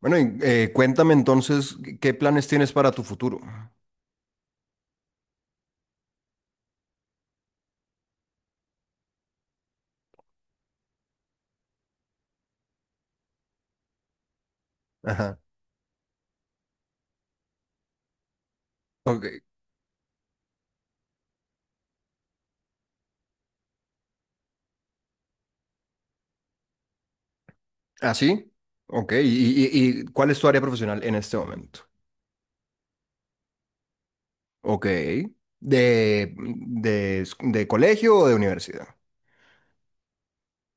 Bueno, y, cuéntame entonces qué planes tienes para tu futuro. Ajá. Ok. ¿Ah, sí? Ok. ¿Y cuál es tu área profesional en este momento? Ok. ¿De colegio o de universidad?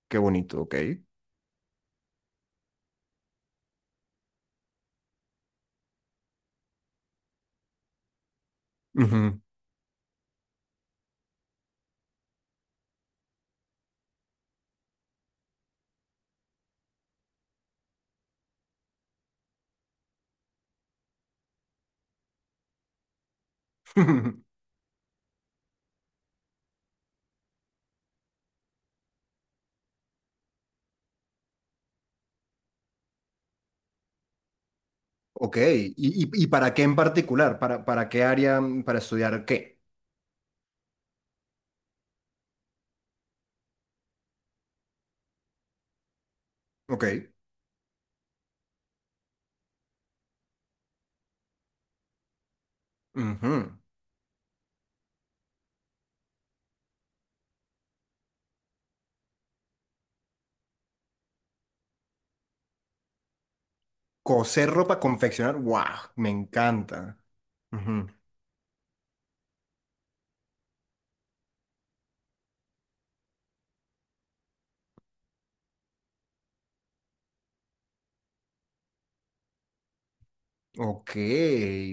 Qué bonito, ok. Ujú. Ok. ¿Y para qué en particular? ¿Para qué área? ¿Para estudiar qué? Ok. Ujú. Coser ropa, confeccionar. ¡Wow! Me encanta. Ok,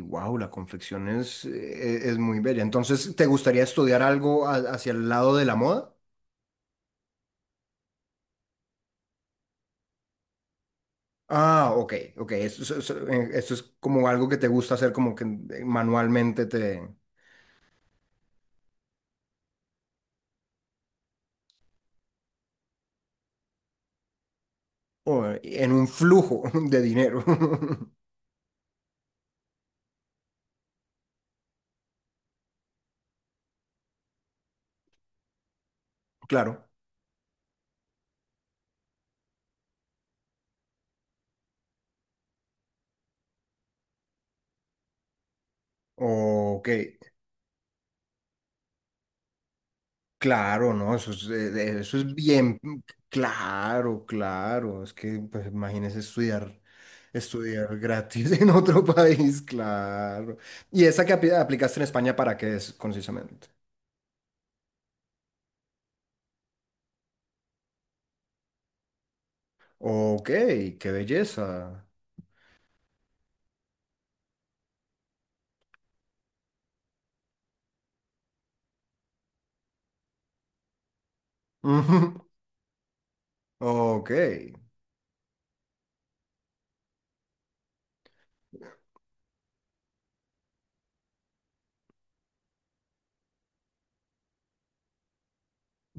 wow, la confección es muy bella. Entonces, ¿te gustaría estudiar algo hacia el lado de la moda? Ah, ok, ok. Esto es como algo que te gusta hacer, como que manualmente te... O en un flujo de dinero. Claro. Ok. Claro, no, eso es bien, claro, claro, es que pues imagínese estudiar, gratis en otro país, claro. ¿Y esa que aplicaste en España para qué es concisamente? Ok, qué belleza. Ujú, ok.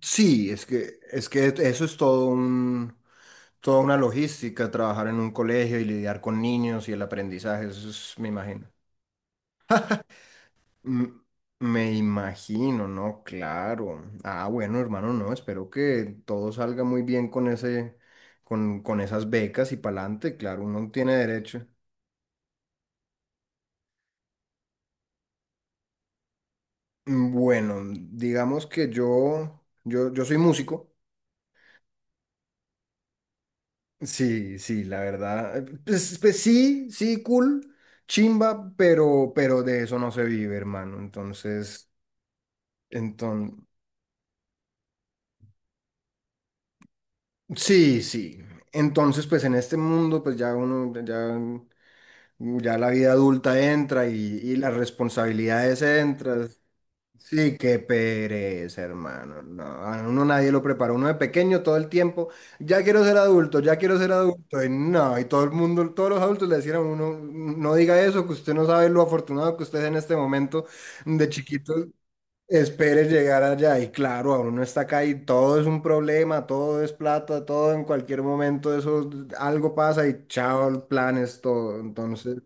Sí, es que eso es toda una logística, trabajar en un colegio y lidiar con niños y el aprendizaje, eso es, me imagino. M- Me imagino, ¿no? Claro. Ah, bueno, hermano, no, espero que todo salga muy bien con esas becas y pa'lante, claro, uno tiene derecho. Bueno, digamos que yo soy músico. Sí, sí, la verdad. Pues sí, sí, cool, chimba, pero de eso no se vive, hermano. entonces, sí, sí. Entonces, pues en este mundo, pues ya uno, ya. Ya la vida adulta entra y las responsabilidades entran. Sí, qué pereza, hermano. No, a uno nadie lo prepara. Uno de pequeño todo el tiempo, ya quiero ser adulto, ya quiero ser adulto. Y no, y todo el mundo, todos los adultos le decían a uno, no diga eso, que usted no sabe lo afortunado que usted es en este momento de chiquito. Espere llegar allá. Y claro, a uno está acá y todo es un problema, todo es plata, todo en cualquier momento, eso algo pasa y chao, planes, todo. Entonces.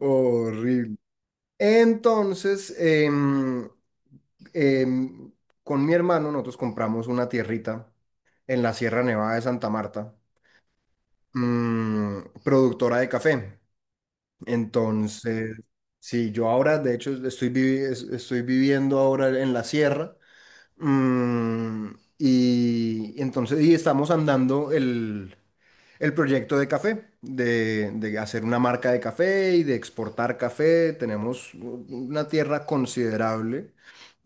Horrible. Entonces, em, con mi hermano nosotros compramos una tierrita en la Sierra Nevada de Santa Marta, mm, productora de café. Entonces, sí, yo ahora, de hecho, estoy viviendo ahora en la sierra, mm, y entonces estamos andando el proyecto de café, de hacer una marca de café y de exportar café. Tenemos una tierra considerable.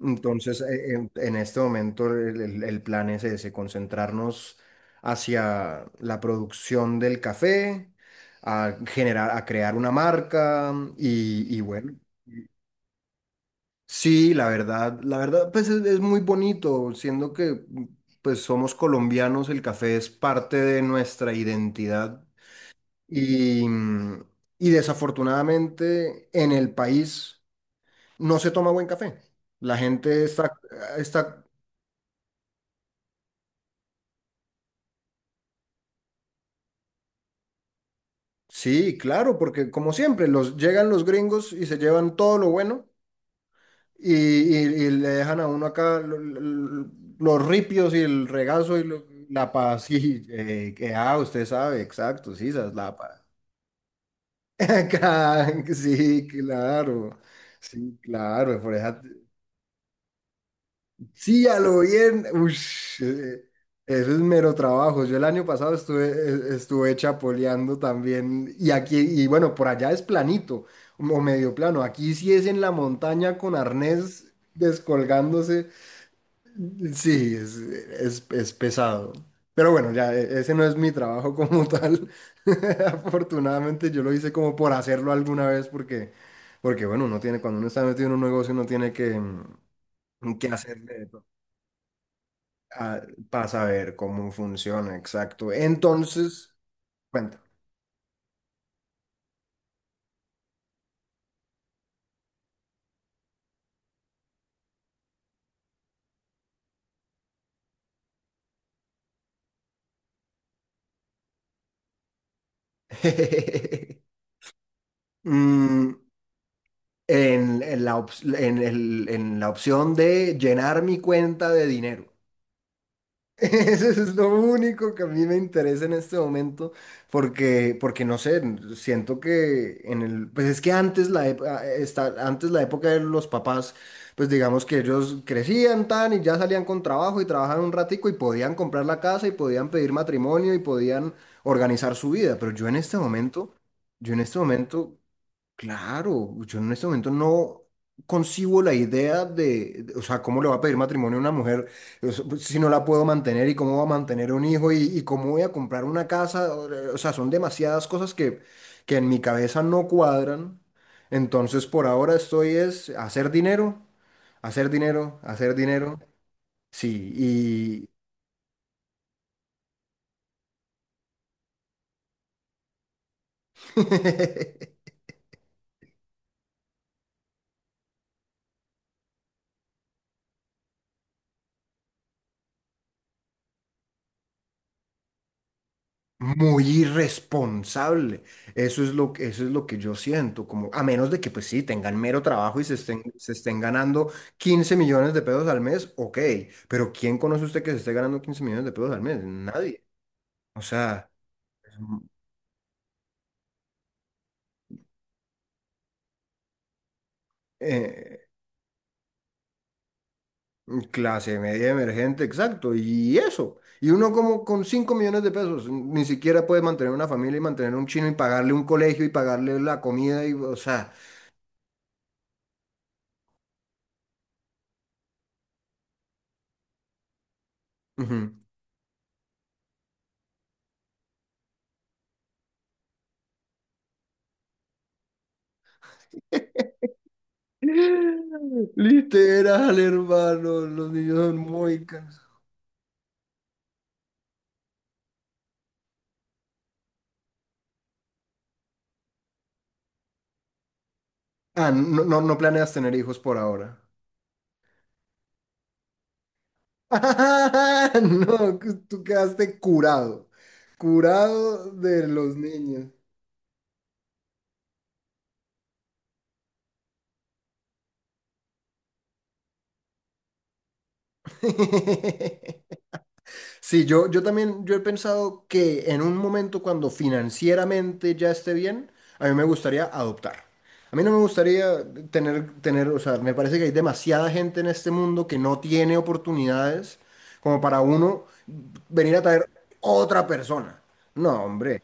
Entonces, en este momento el plan es ese, concentrarnos hacia la producción del café, a generar, a crear una marca y bueno. Sí, la verdad, pues es muy bonito, siendo que pues somos colombianos, el café es parte de nuestra identidad y, mm, y desafortunadamente en el país no se toma buen café. La gente está, sí, claro, porque como siempre, llegan los gringos y se llevan todo lo bueno y le dejan a uno acá los ripios y el regazo y la paz. Sí, ah, usted sabe, exacto, sí, esa es la paz. Acá, sí, claro. Sí, claro, por eso. Sí, a lo bien. Ush, eso es mero trabajo. Yo el año pasado estuve chapoleando también. Y aquí, y bueno, por allá es planito o medio plano. Aquí sí es en la montaña con arnés descolgándose. Sí, es pesado. Pero bueno, ya ese no es mi trabajo como tal. Afortunadamente yo lo hice como por hacerlo alguna vez porque, bueno, uno tiene, cuando uno está metido en un negocio, uno tiene que hacerle. Ah, para saber cómo funciona, exacto. Entonces, cuenta. Mm, en la, ops- en el- en la opción de llenar mi cuenta de dinero. Eso es lo único que a mí me interesa en este momento, porque, no sé, siento que pues es que antes la, ep- a- esta- antes la época de los papás, pues digamos que ellos crecían tan y ya salían con trabajo y trabajaban un ratico y podían comprar la casa y podían pedir matrimonio y podían organizar su vida, pero yo en este momento. Claro, yo en este momento no concibo la idea o sea, cómo le va a pedir matrimonio a una mujer, o sea, pues, si no la puedo mantener y cómo va a mantener un hijo y cómo voy a comprar una casa. O sea, son demasiadas cosas que, en mi cabeza no cuadran. Entonces, por ahora estoy es hacer dinero, hacer dinero, hacer dinero. Sí, muy irresponsable. Eso es lo que yo siento, como a menos de que pues sí, tengan mero trabajo y se estén ganando 15 millones de pesos al mes, ok, pero ¿quién conoce usted que se esté ganando 15 millones de pesos al mes? Nadie. O sea, eh, clase media emergente, exacto, y eso. Y uno como con 5 millones de pesos, ni siquiera puede mantener una familia y mantener un chino y pagarle un colegio y pagarle la comida y, o sea, ujú. Literal, hermano. Los niños son muy cansados. Ah, no, no, no planeas tener hijos por ahora. No, que tú quedaste curado. Curado de los niños. Sí, yo también, yo he pensado que en un momento cuando financieramente ya esté bien, a mí me gustaría adoptar. A mí no me gustaría tener, o sea, me parece que hay demasiada gente en este mundo que no tiene oportunidades como para uno venir a traer otra persona. No, hombre,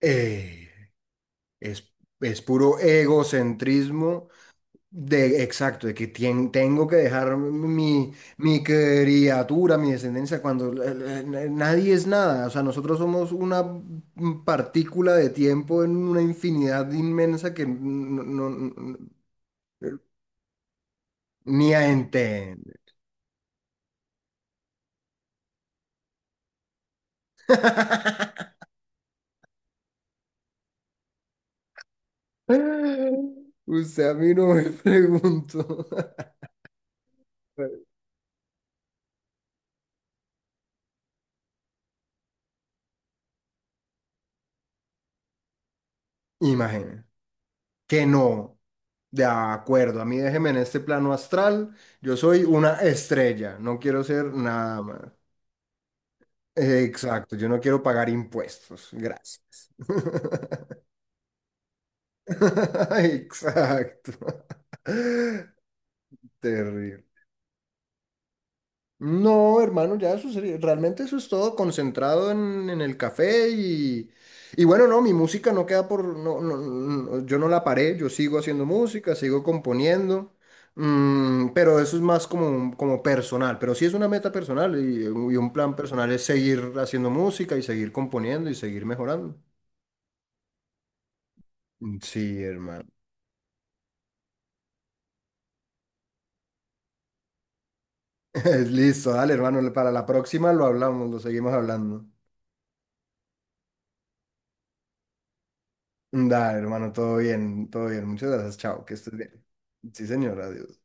eh, es, es puro egocentrismo. De, exacto, de que tengo que dejar mi criatura, mi descendencia, cuando nadie es nada. O sea, nosotros somos una partícula de tiempo en una infinidad inmensa que ni a entender. Usted a mí no me preguntó. Imagínense que no. De acuerdo, a mí déjeme en este plano astral. Yo soy una estrella, no quiero ser nada más. Exacto, yo no quiero pagar impuestos, gracias. Exacto. Terrible. No, hermano, ya eso sería, realmente eso es todo concentrado en el café y bueno, no, mi música no queda no, no, no, yo no la paré, yo sigo haciendo música, sigo componiendo, pero eso es más como, como personal, pero sí es una meta personal y un plan personal es seguir haciendo música y seguir componiendo y seguir mejorando. Mm, sí, hermano. Listo, dale, hermano. Para la próxima lo hablamos, lo seguimos hablando. Dale, hermano, todo bien, todo bien. Muchas gracias, chao, que estés bien. Sí, señor, adiós.